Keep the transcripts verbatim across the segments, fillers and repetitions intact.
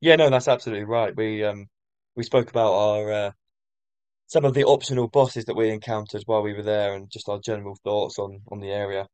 Yeah, no, that's absolutely right. We um we spoke about our uh, some of the optional bosses that we encountered while we were there and just our general thoughts on on the area.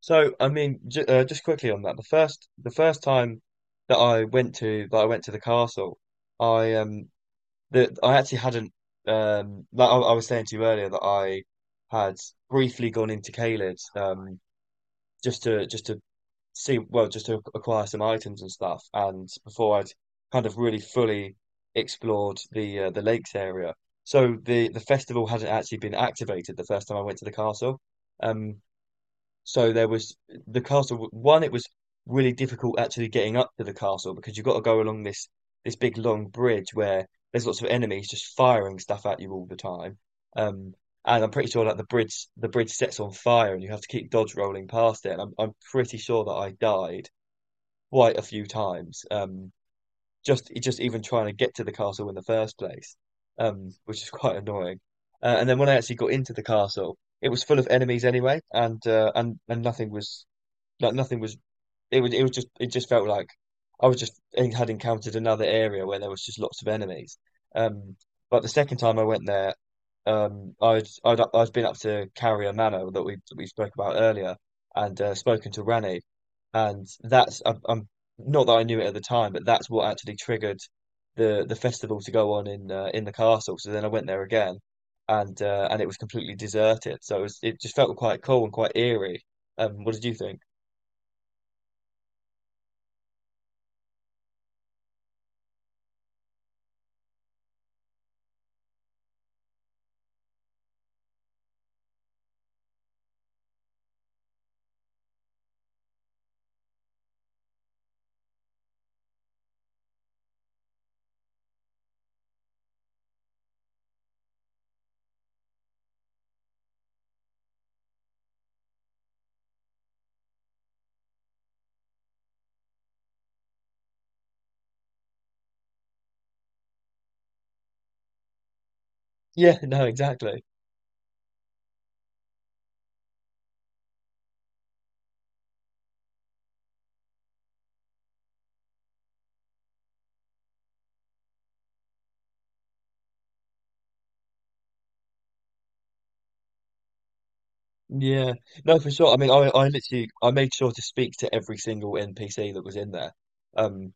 So, I mean, j uh, Just quickly on that, the first the first time that I went to that I went to the castle, I um the I actually hadn't, um like I, I was saying to you earlier that I had briefly gone into Caelid, um just to just to see, well, just to acquire some items and stuff. And before I'd kind of really fully explored the uh, the lakes area, so the the festival hadn't actually been activated the first time I went to the castle. Um, so there was the castle. One, it was really difficult actually getting up to the castle because you've got to go along this this big long bridge where there's lots of enemies just firing stuff at you all the time. Um, and I'm pretty sure like the bridge the bridge sets on fire and you have to keep dodge rolling past it. And I'm I'm pretty sure that I died quite a few times. Um, just just even trying to get to the castle in the first place, um, which is quite annoying. Uh, and then when I actually got into the castle, it was full of enemies anyway, and uh, and and nothing was, like nothing was. It was. It was just. It just felt like I was just I had encountered another area where there was just lots of enemies. Um, but the second time I went there, um, I'd I'd I'd been up to Carrier Manor that we that we spoke about earlier, and uh, spoken to Rani, and that's I'm, I'm not that I knew it at the time, but that's what actually triggered the the festival to go on in uh, in the castle. So then I went there again, and uh, and it was completely deserted. So it was, it just felt quite cool and quite eerie. Um, what did you think? Yeah, no, exactly. Yeah, no, for sure. I mean, I, I literally, I made sure to speak to every single N P C that was in there. Um,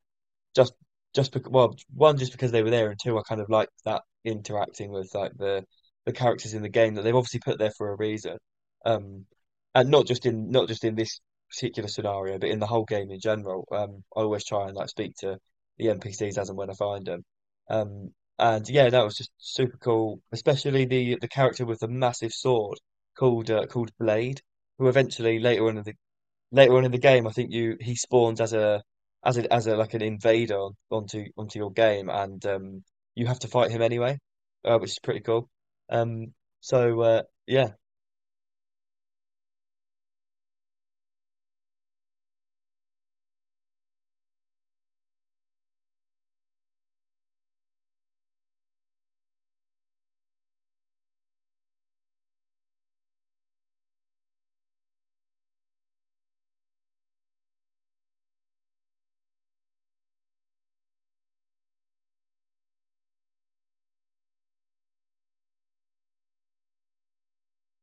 just just because, well, one, just because they were there, and two, I kind of liked that interacting with like the the characters in the game that they've obviously put there for a reason, um and not just in not just in this particular scenario, but in the whole game in general. um I always try and like speak to the N P Cs as and when I find them. um and yeah, that was just super cool, especially the the character with the massive sword called uh, called Blade, who eventually later on in the later on in the game, I think you he spawns as a as a as a like an invader on, onto onto your game, and um, you have to fight him anyway, uh, which is pretty cool. Um, so uh, yeah,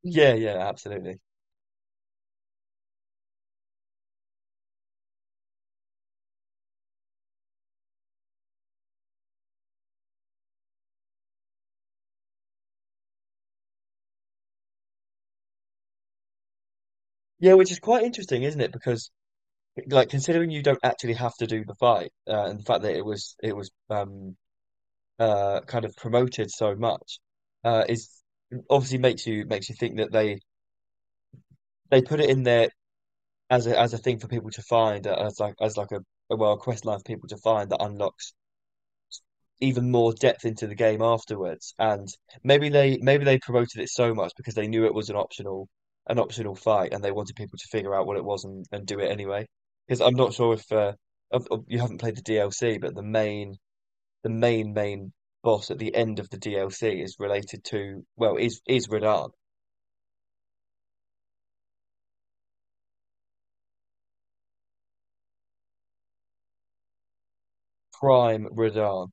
yeah, yeah, absolutely, yeah, which is quite interesting, isn't it? Because like considering you don't actually have to do the fight, uh, and the fact that it was it was, um, uh, kind of promoted so much, uh, is obviously makes you makes you think that they they put it in there as a as a thing for people to find, uh, as like as like a, a well, a quest line for people to find that unlocks even more depth into the game afterwards. And maybe they maybe they promoted it so much because they knew it was an optional an optional fight, and they wanted people to figure out what it was and, and do it anyway, because I'm not sure if uh of, of- you haven't played the D L C, but the main the main main boss at the end of the D L C is related to, well, is is Radahn, prime Radahn.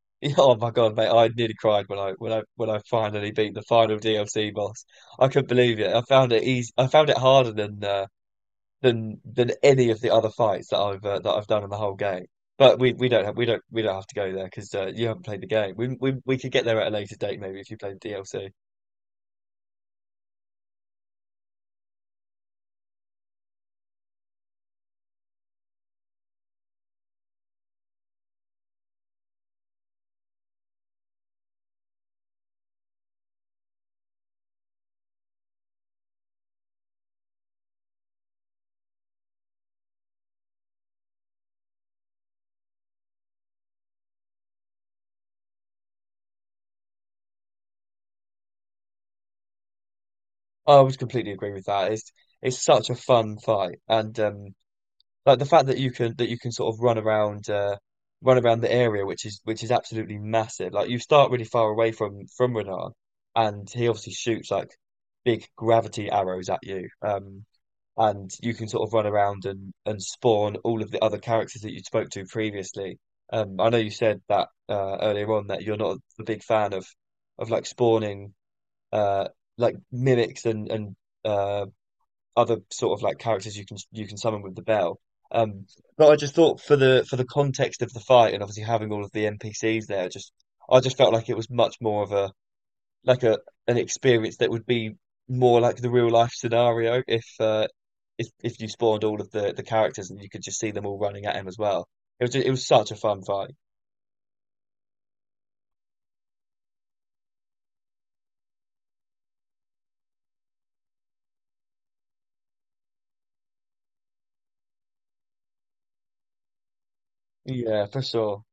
Yeah, oh my God, mate! I nearly cried when I when I when I finally beat the final D L C boss. I couldn't believe it. I found it easy. I found it harder than uh, than than any of the other fights that I've, uh, that I've done in the whole game. But we, we don't have we don't we don't have to go there because uh, you haven't played the game. We, we we could get there at a later date maybe if you played the D L C. I would completely agree with that. It's it's such a fun fight, and um, like the fact that you can that you can sort of run around, uh run around the area, which is which is absolutely massive. Like you start really far away from from Renan, and he obviously shoots like big gravity arrows at you. Um and you can sort of run around and and spawn all of the other characters that you spoke to previously. Um I know you said that uh earlier on that you're not a big fan of of like spawning, uh like mimics, and and uh other sort of like characters you can, you can summon with the bell. Um, but I just thought for the for the context of the fight and obviously having all of the N P Cs there, just, I just felt like it was much more of a, like a, an experience that would be more like the real life scenario if uh, if if you spawned all of the the characters and you could just see them all running at him as well. It was ju- it was such a fun fight. Yeah, for sure.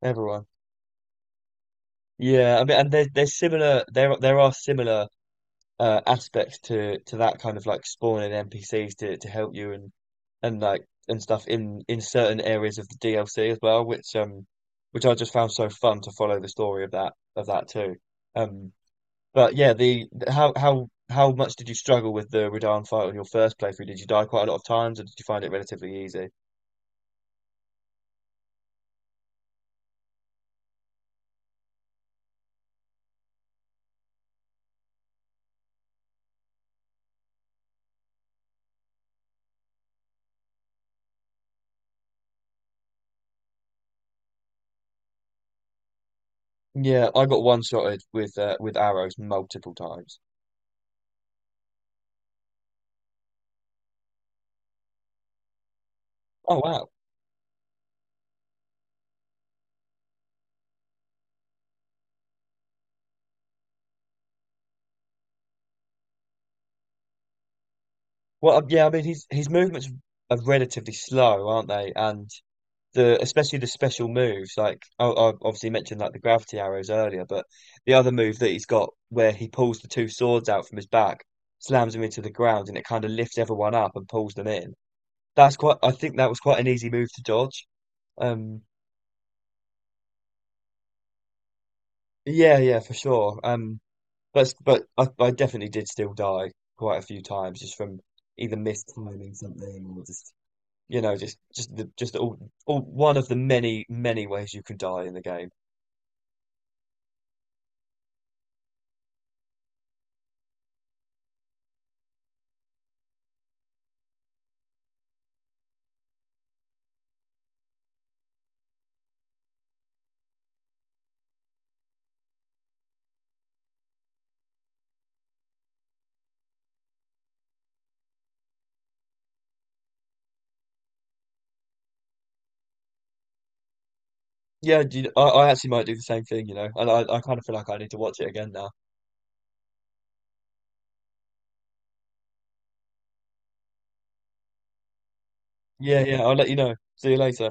Everyone. Yeah, I mean, and they're they're similar, there there are similar uh, aspects to to that kind of like spawning N P Cs to to help you, and and like and stuff in in certain areas of the D L C as well, which um which I just found so fun to follow the story of that of that too. Um, but yeah, the, how how how much did you struggle with the Radahn fight on your first playthrough? Did you die quite a lot of times, or did you find it relatively easy? Yeah, I got one-shotted with uh, with arrows multiple times. Oh wow. Well, um, yeah, I mean, his his movements are relatively slow, aren't they? And the especially the special moves, like I, I obviously mentioned like the gravity arrows earlier, but the other move that he's got where he pulls the two swords out from his back, slams them into the ground, and it kind of lifts everyone up and pulls them in, that's quite, I think that was quite an easy move to dodge. um yeah, yeah, for sure. Um but but I, I definitely did still die quite a few times, just from either mistiming something or just, you know, just just the just all, all one of the many many ways you can die in the game. Yeah, do you, I, I actually might do the same thing, you know, and I, I kind of feel like I need to watch it again now. Yeah, yeah, I'll let you know. See you later.